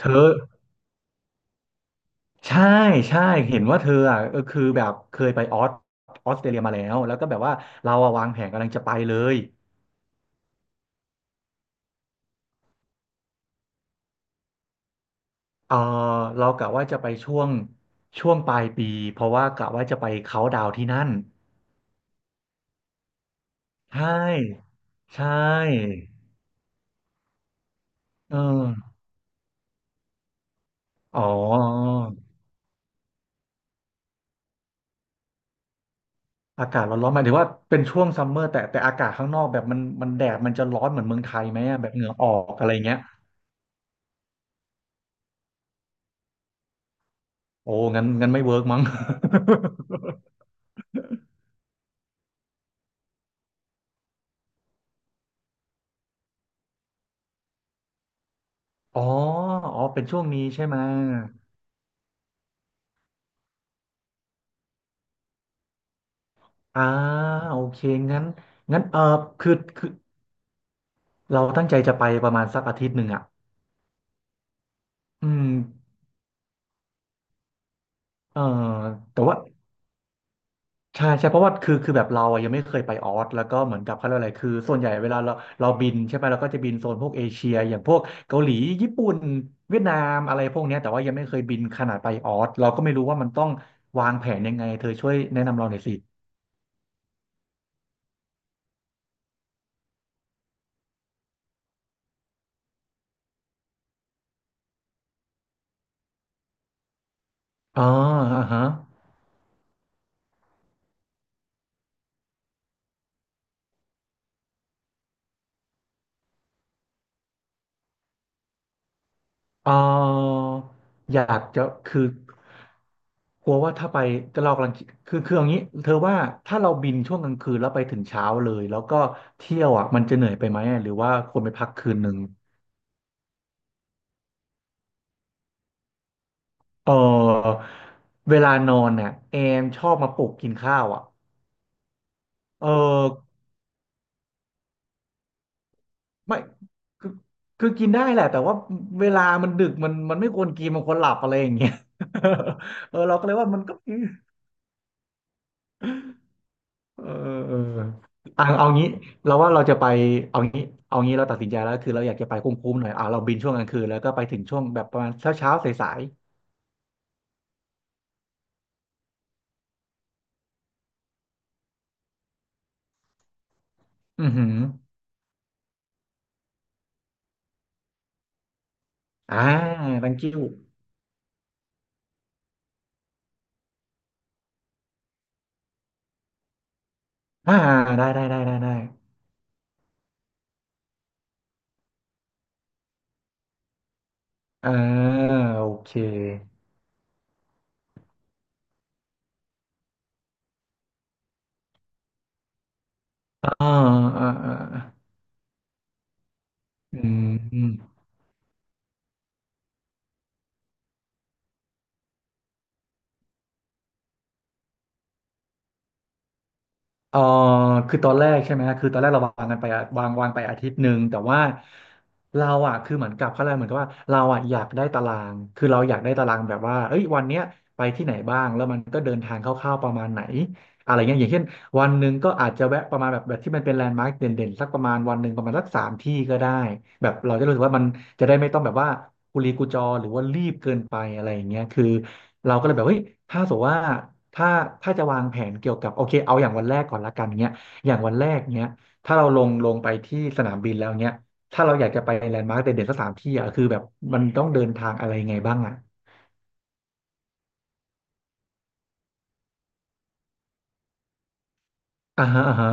เธอใช่ใช่เห็นว่าเธออ่ะก็คือแบบเคยไปออสออสเตรเลียมาแล้วแล้วก็แบบว่าเราอะวางแผนกำลังจะไปเลยเออเรากะว่าจะไปช่วงช่วงปลายปีเพราะว่ากะว่าจะไปเขาน์ดาวน์ที่นั่นใช่ใช่เอออ๋ออากาศร้อนๆหมายถึงว่าเป็นช่วงซัมเมอร์แต่อากาศข้างนอกแบบมันแดดมันจะร้อนเหมือนเมืองไทยไหมอะแบบเหงื่อออกอะไรเงี้ยโอ้งั้นงั้นไม่เวิร์กมั้ง อ๋ออ๋อเป็นช่วงนี้ใช่ไหมอ่าโอเคงั้นงั้นเออคือเราตั้งใจจะไปประมาณสักอาทิตย์หนึ่งอ่ะอืมเออแต่ว่าใช่ใช่เพราะว่าคือแบบเราอะยังไม่เคยไปออสแล้วก็เหมือนกับเขาเรียกอะไรคือส่วนใหญ่เวลาเราบินใช่ไหมเราก็จะบินโซนพวกเอเชียอย่างพวกเกาหลีญี่ปุ่นเวียดนามอะไรพวกเนี้ยแต่ว่ายังไม่เคยบินขนาดไปออสเราก็ไม่รู้ว่ามันต้องวางแผนยังไงเธอช่วยแนะนำเราหน่อยสิอ๋ออ่าฮะ เอออยากจะคือกลัวว่าถ้าไปก็เรากำลังคิดคืออย่างนี้เธอว่าถ้าเราบินช่วงกลางคืนแล้วไปถึงเช้าเลยแล้วก็เที่ยวอ่ะมันจะเหนื่อยไปไหมหรือว่าควรไปพักคืนหนึ่งเออเวลานอนเนี่ยแอมชอบมาปลุกกินข้าวอ่ะเออไม่คือคือกินได้แหละแต่ว่าเวลามันดึกมันไม่ควรกินมันควรหลับอะไรอย่างเงี้ย เออเราก็เลยว่ามันก็ เออเอออ่ะเอางี้เราว่าเราจะไปเอางี้ เอางี้เราตัดสินใจแล้วคือเราอยากจะไปคุ้มๆหน่อยอ่ะเราบินช่วงกลางคืนแล้วก็ไปถึงช่วงแบบประมาณเช้าเช้าสายๆอือหืออ่า thank you อ่าได้ได้ได้ได้ได้อ่าโอเคอ่าอ่าอ่าอืม เอ่อคือตอนแรกใช่ไหมฮะคือตอนแรกเราวางกันไปอะวางไปอาทิตย์หนึ่งแต่ว่าเราอ่ะคือเหมือนกับเขาเรียกเหมือนกับว่าเราอ่ะอยากได้ตารางคือเราอยากได้ตารางแบบว่าเอ้ยวันเนี้ยไปที่ไหนบ้างแล้วมันก็เดินทางคร่าวๆประมาณไหนอะไรเงี้ยอย่างเช่น วันหนึ่งก็อาจจะแวะประมาณแบบที่มันเป็นแลนด์มาร์คเด่นๆสักประมาณวันหนึ่งประมาณสักสามที่ก็ได้แบบเราจะรู้สึกว่ามันจะได้ไม่ต้องแบบว่ากุลีกุจอหรือว่ารีบเกินไปอะไรอย่างเงี้ยคือเราก็เลยแบบเฮ้ยถ้าสมมติว่าถ้าถ้าจะวางแผนเกี่ยวกับโอเคเอาอย่างวันแรกก่อนละกันเงี้ยอย่างวันแรกเงี้ยถ้าเราลงไปที่สนามบินแล้วเงี้ยถ้าเราอยากจะไปแลนด์มาร์คเด่นๆสักสามที่อ่ะคือแบบมันต้องเดินทางอะไรยังไงบ้างอ่ะอ่าฮะอ่าฮะ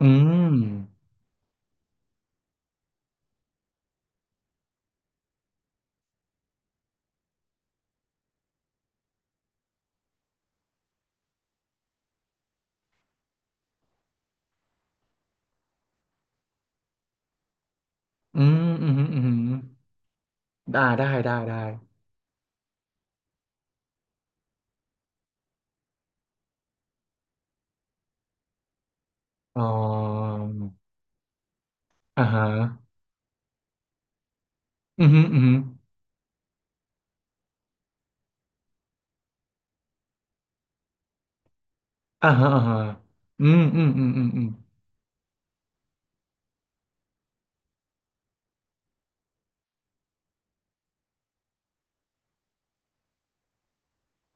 อืมอืมอืมอืมอืมได้ได้ได้ได้ อ๋ออ่าฮะอืมอหืมออือหืออ่าฮะอ่าฮะอืมอืมอืมอืมอืม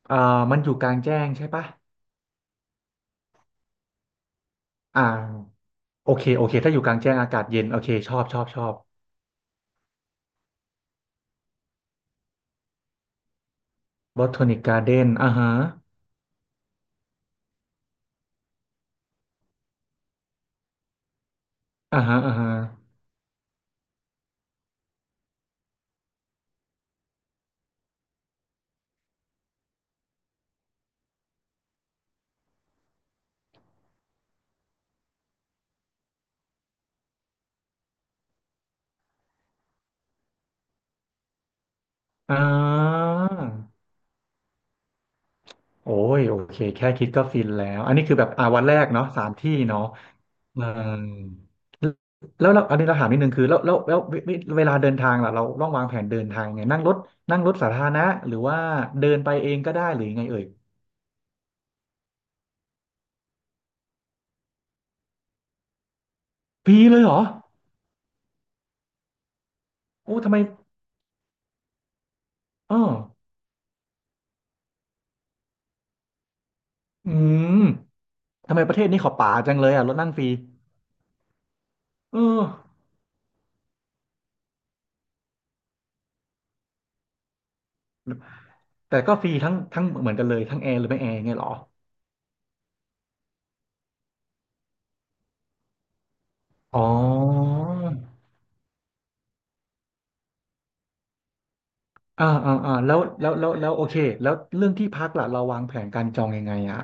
อ่ามันอยู่กลางแจ้งใช่ปะอ่าโอเค โอเค ถ้าอยู่กลางแจ้งอากาศเย็น โอเค ชอบ ชอบ ชอบ บอทานิกการ์เด้นอ่าฮะอ่าฮะอ่าฮะอ่าโอ้ยโอเค แค่คิดก็ฟินแล้ว อันนี้คือแบบอ่าวันแรกเนาะสามที่เนาะ เออแล้วเราอันนี้เราถามนิดนึงคือแล้วแล้วแล้วเวลาเดินทางล่ะเราต้องวางแผนเดินทางไงนั่งรถนั่งรถสาธารณะหรือว่าเดินไปเองก็ได้หรือยังไงเอ่ยฟรีเลยเหรอโอ้ทำไมเอออืมทำไมประเทศนี้เขาป่าจังเลยอ่ะรถนั่งฟรีเออแต่ก็ฟรีทั้งเหมือนกันเลยทั้งแอร์หรือไม่แอร์ไงยเหรออ๋ออ่าอ่าอ่าแล้วโอเคแล้วเรื่องที่พักล่ะเราวางแผนการจองยังไงอ่ะ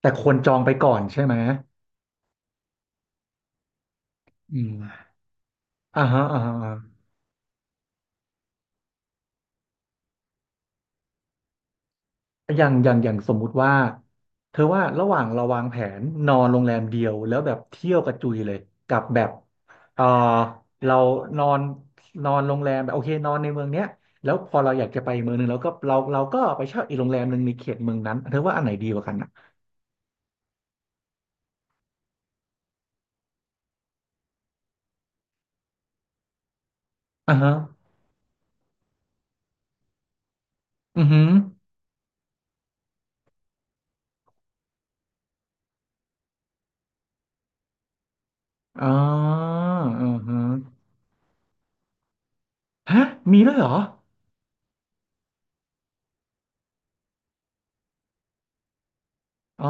แต่ควรจองไปก่อนใช่ไหมอืม อ่าฮะอ่าฮะอ่าฮะอย่างสมมุติว่าเธอว่าระหว่างเราวางแผนนอนโรงแรมเดียวแล้วแบบเที่ยวกระจุยเลยกับแบบเออเรานอนนอนโรงแรมแบบโอเคนอนในเมืองเนี้ยแล้วพอเราอยากจะไปเมืองนึงเราก็เราก็ไปเช่าอีกโรงแรมหนึ่งในเขตเมืองนั้นเธอว่าอันไหนดีกว่ากันอ่ะอ่าฮะอือหืออ๋ออือหือฮะมีด้วยเหรออ๋อ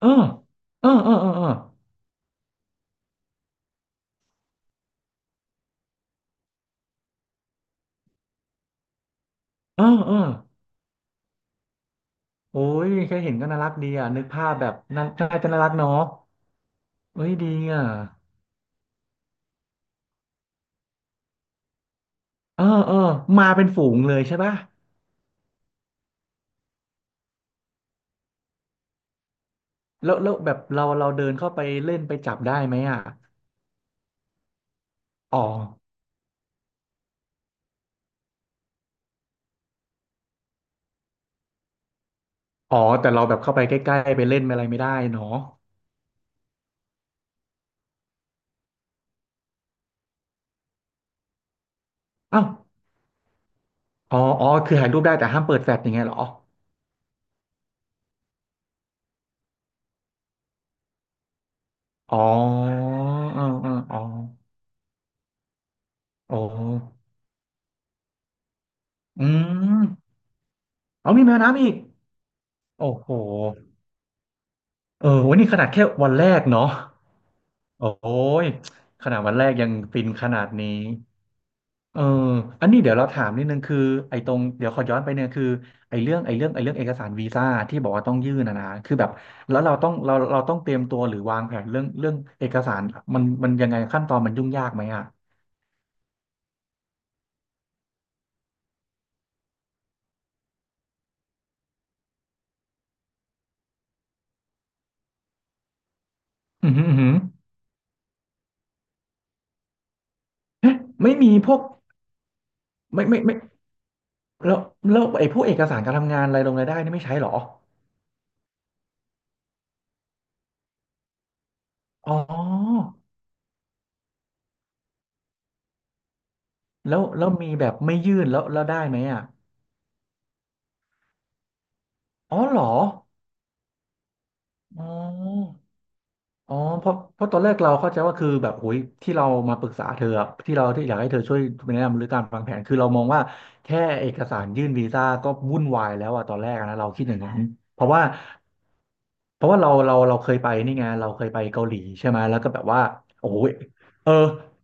เออเออเออเออเออเออเออ โอ้ยแค่เห็นก็น่ารักดีอ่ะนึกภาพแบบนั้นน่าจะน่ารักเนาะเอ้ยดีอ่ะเออเออมาเป็นฝูงเลยใช่ป่ะแล้วแล้วแบบเราเราเดินเข้าไปเล่นไปจับได้ไหมอ่ะอ๋ออ๋อแต่เราแบบเข้าไปใกล้ๆไปเล่นอะไรไม่ได้เนาะเอ้าอ๋อคือถ่ายรูปได้แต่ห้ามเปิดแฟลชอย่างเงี้ยเหรออ๋อเออเอออ๋อโอ้อืมเอามีแมวน้ำอีกโอ้โหเออวันนี้ขนาดแค่วันแรกเนาะ โอ้ยขนาดวันแรกยังฟินขนาดนี้เอออันนี้เดี๋ยวเราถามนิดนึงคือไอ้ตรงเดี๋ยวขอย้อนไปเนี่ยคือไอ้เรื่องไอ้เรื่องไอ้เรื่องเอกสารวีซ่าที่บอกว่าต้องยื่นนะคือแบบแล้วเราต้องเราต้องเตรียมตัวหรือวางแผนเรื่องเอกสารมันยังไงขั้นตอนมันยุ่งยากไหมอ่ะอืมอหืมออื้อหือเอ๊ะไม่มีพวกไม่แล้วแล้วไอ้พวกเอกสารการทำงานรายลงรายได้นี่ไม่ใช้เหรออ๋อแล้วแล้วมีแบบไม่ยื่นแล้วแล้วได้ไหมอ่ะอ๋อเหรออ๋อ อ๋อเพราะตอนแรกเราเข้าใจว่าคือแบบโอ้ยที่เรามาปรึกษาเธออะที่เราที่อยากให้เธอช่วยแนะนำหรือการวางแผนคือเรามองว่าแค่เอกสารยื่นวีซ่าก็วุ่นวายแล้วอะตอนแรกอะนะเราคิดอย่างนั้นเพราะว่าเพราะว่าเราเราเคยไปนี่ไงเราเคยไปเกาหลีใช่ไหมแล้วก็แบบว่าโอ้โหเออ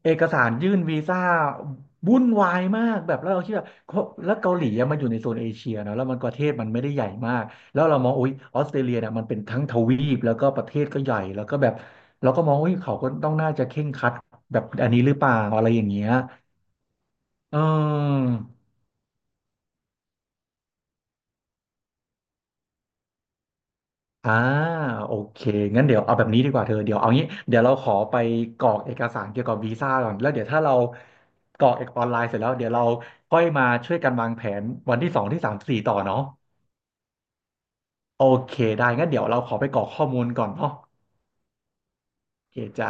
เอกสารยื่นวีซ่าวุ่นวายมากแบบแล้วเราคิดแบบเพราะแล้วเกาหลีอะมันอยู่ในโซนเอเชียเนอะแล้วมันประเทศมันไม่ได้ใหญ่มาก แล้วเรามองอุ๊ยออสเตรเลียเนี่ยมันเป็นทั้งทวีปแล้วก็ประเทศก็ใหญ่แล้วก็แบบเราก็มองอุ๊ยเขาก็ต้องน่าจะเคร่งครัดแบบอันนี้หรือเปล่าอะไรอย่างเงี้ยเอออ่าโอเคงั้นเดี๋ยวเอาแบบนี้ดีกว่าเธอเดี๋ยวเอางี้เดี๋ยวเราขอไปกรอกเอกสารเกี่ยวกับวีซ่าก่อนแล้วเดี๋ยวถ้าเรากรอกเอกออนไลน์เสร็จแล้วเดี๋ยวเราค่อยมาช่วยกันวางแผนวันที่สองที่สามสี่ต่อเนาะโอเคได้งั้นเดี๋ยวเราขอไปกรอกข้อมูลก่อนเนาะโอเคจ้ะ